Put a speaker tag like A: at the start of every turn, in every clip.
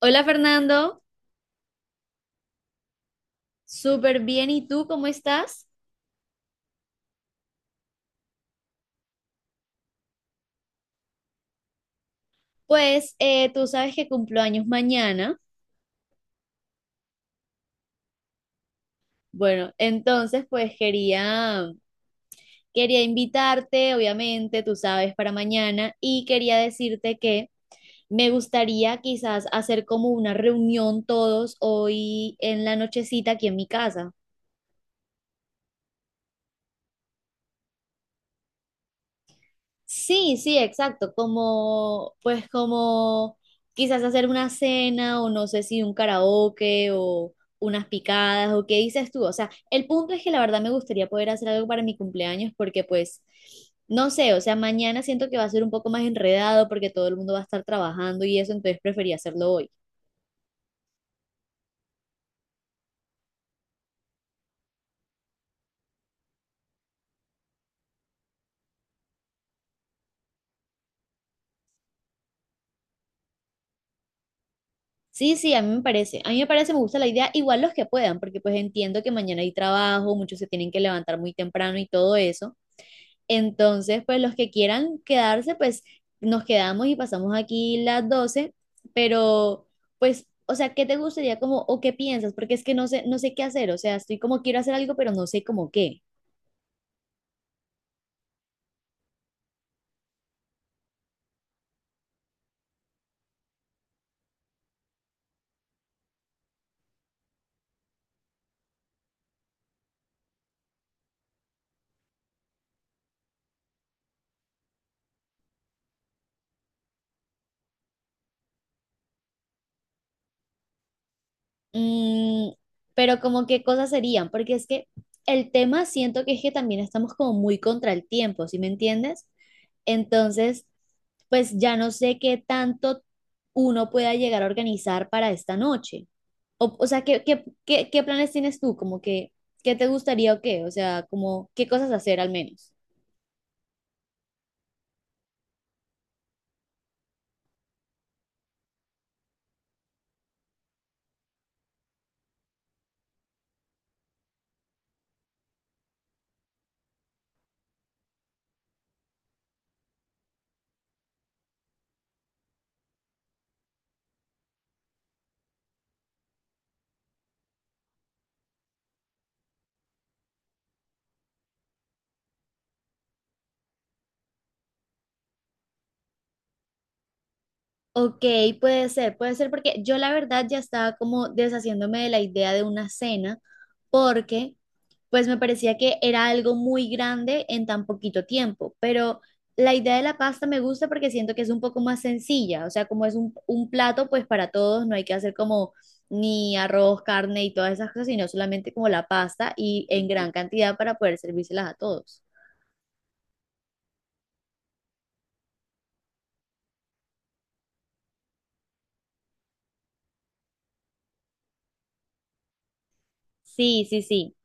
A: Hola Fernando, súper bien. ¿Y tú cómo estás? Pues tú sabes que cumplo años mañana. Bueno, entonces pues quería invitarte, obviamente, tú sabes, para mañana y quería decirte que me gustaría quizás hacer como una reunión todos hoy en la nochecita aquí en mi casa. Sí, sí, exacto, como, pues como quizás hacer una cena o no sé si un karaoke o unas picadas o qué dices tú, o sea, el punto es que la verdad me gustaría poder hacer algo para mi cumpleaños porque pues, no sé, o sea, mañana siento que va a ser un poco más enredado porque todo el mundo va a estar trabajando y eso, entonces prefería hacerlo hoy. Sí, sí, a mí me parece, me gusta la idea, igual los que puedan, porque pues entiendo que mañana hay trabajo, muchos se tienen que levantar muy temprano y todo eso. Entonces, pues los que quieran quedarse, pues nos quedamos y pasamos aquí las 12, pero pues, o sea, ¿qué te gustaría como o qué piensas? Porque es que no sé, no sé qué hacer, o sea, estoy como quiero hacer algo, pero no sé como qué. Mm, pero como qué cosas serían, porque es que el tema siento que es que también estamos como muy contra el tiempo, ¿sí me entiendes? Entonces, pues ya no sé qué tanto uno pueda llegar a organizar para esta noche. O sea, ¿qué planes tienes tú? Como que, ¿qué te gustaría o qué? O sea, como, ¿qué cosas hacer al menos? Ok, puede ser porque yo la verdad ya estaba como deshaciéndome de la idea de una cena, porque pues me parecía que era algo muy grande en tan poquito tiempo, pero la idea de la pasta me gusta porque siento que es un poco más sencilla, o sea, como es un plato, pues para todos no hay que hacer como ni arroz, carne y todas esas cosas, sino solamente como la pasta y en gran cantidad para poder servírselas a todos. Sí, sí, sí.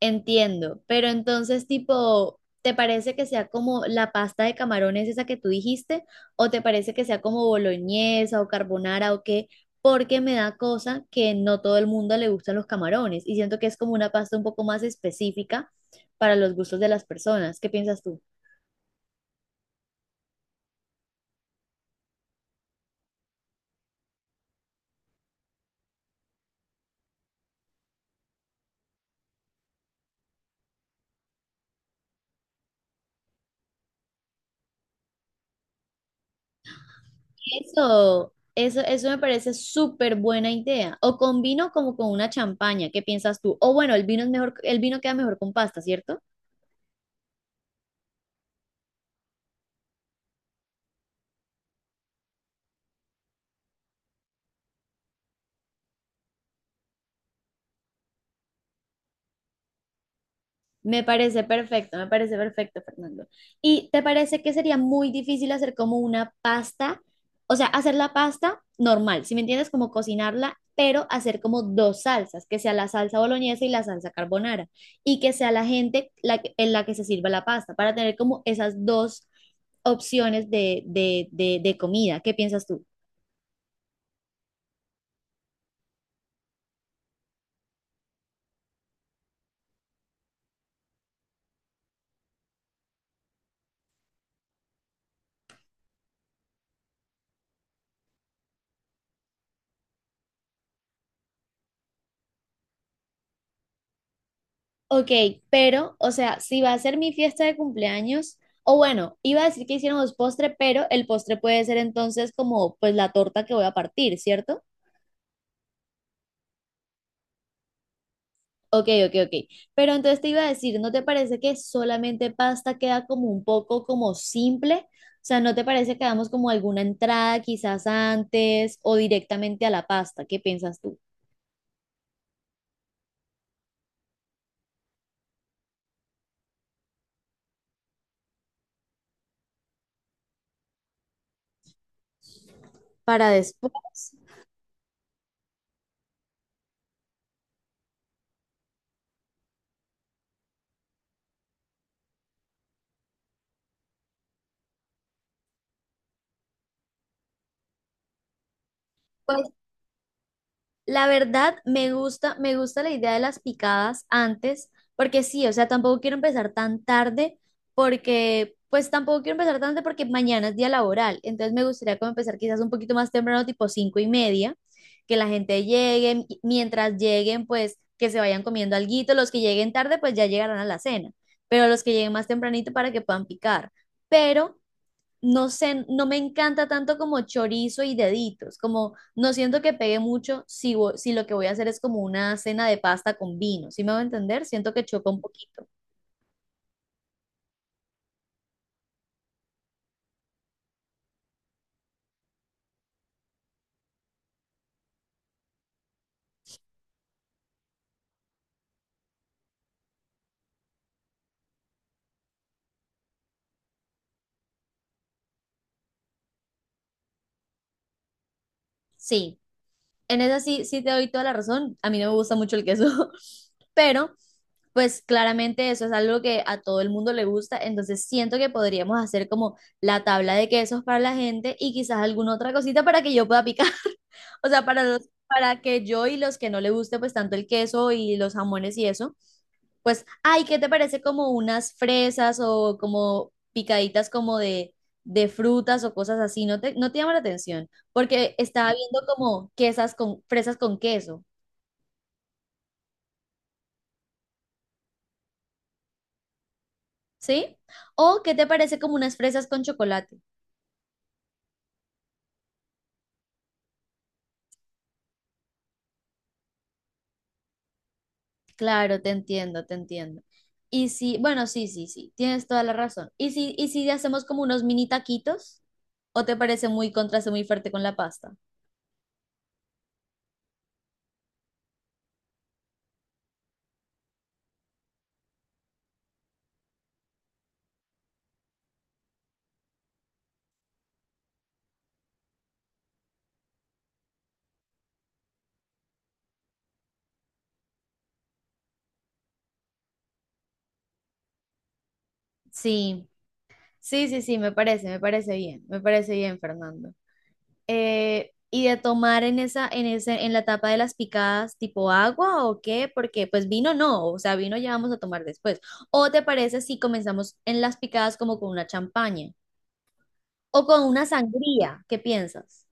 A: Entiendo, pero entonces tipo, ¿te parece que sea como la pasta de camarones esa que tú dijiste? ¿O te parece que sea como boloñesa o carbonara o qué? Porque me da cosa que no todo el mundo le gustan los camarones y siento que es como una pasta un poco más específica para los gustos de las personas. ¿Qué piensas tú? Eso me parece súper buena idea. O con vino como con una champaña, ¿qué piensas tú? O bueno, el vino es mejor, el vino queda mejor con pasta, ¿cierto? Me parece perfecto, Fernando. ¿Y te parece que sería muy difícil hacer como una pasta? O sea, hacer la pasta normal, si me entiendes, como cocinarla, pero hacer como dos salsas, que sea la salsa boloñesa y la salsa carbonara, y que sea la gente en la que se sirva la pasta, para tener como esas dos opciones de comida. ¿Qué piensas tú? Ok, pero, o sea, si va a ser mi fiesta de cumpleaños, o bueno, iba a decir que hiciéramos postre, pero el postre puede ser entonces como pues la torta que voy a partir, ¿cierto? Ok. Pero entonces te iba a decir, ¿no te parece que solamente pasta queda como un poco como simple? O sea, ¿no te parece que hagamos como alguna entrada quizás antes o directamente a la pasta? ¿Qué piensas tú? Para después. Pues La verdad, me gusta la idea de las picadas antes, porque sí, o sea, tampoco quiero empezar tan tarde, porque, pues tampoco quiero empezar tan tarde porque mañana es día laboral, entonces me gustaría como empezar quizás un poquito más temprano, tipo 5:30, que la gente llegue, y mientras lleguen, pues que se vayan comiendo alguito, los que lleguen tarde, pues ya llegarán a la cena, pero los que lleguen más tempranito para que puedan picar, pero no sé, no me encanta tanto como chorizo y deditos, como no siento que pegue mucho si, si lo que voy a hacer es como una cena de pasta con vino, ¿sí me va a entender? Siento que choca un poquito. Sí, en esa sí, sí te doy toda la razón, a mí no me gusta mucho el queso, pero pues claramente eso es algo que a todo el mundo le gusta, entonces siento que podríamos hacer como la tabla de quesos para la gente y quizás alguna otra cosita para que yo pueda picar. O sea, para que yo y los que no le guste pues tanto el queso y los jamones y eso, pues, ay, ¿qué te parece como unas fresas o como picaditas como de frutas o cosas así? No te llama la atención, porque estaba viendo como quesas con, fresas con queso, ¿sí? O ¿qué te parece como unas fresas con chocolate? Te entiendo. Y sí bueno, sí, sí, sí, tienes toda la razón. Y si hacemos como unos mini taquitos? ¿O te parece muy contraste muy fuerte con la pasta? Sí, sí, me parece bien, Fernando. Y de tomar en en la tapa de las picadas, tipo agua o qué, porque pues vino no, o sea, vino ya vamos a tomar después. ¿O te parece si comenzamos en las picadas como con una champaña o con una sangría? ¿Qué piensas?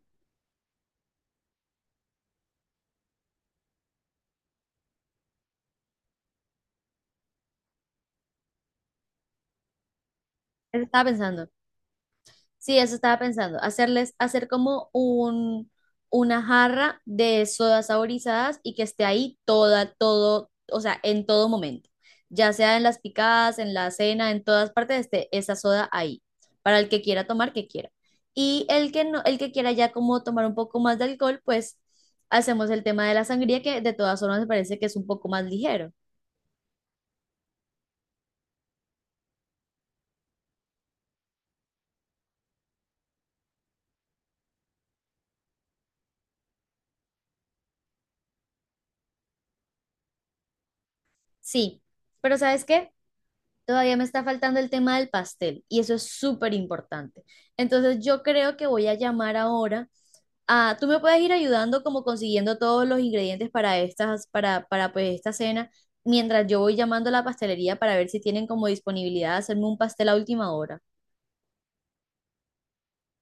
A: Eso estaba pensando. Sí, eso estaba pensando, hacer como una jarra de sodas saborizadas y que esté ahí todo, o sea, en todo momento, ya sea en las picadas, en la cena, en todas partes esté esa soda ahí, para el que quiera tomar, que quiera. Y el que no, el que quiera ya como tomar un poco más de alcohol, pues hacemos el tema de la sangría, que de todas formas me parece que es un poco más ligero. Sí, pero ¿sabes qué? Todavía me está faltando el tema del pastel y eso es súper importante. Entonces yo creo que voy a llamar ahora a, tú me puedes ir ayudando como consiguiendo todos los ingredientes para para pues esta cena, mientras yo voy llamando a la pastelería para ver si tienen como disponibilidad de hacerme un pastel a última hora.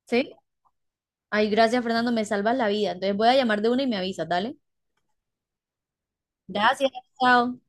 A: ¿Sí? Ay, gracias Fernando, me salvas la vida. Entonces voy a llamar de una y me avisas, dale. Gracias, chao.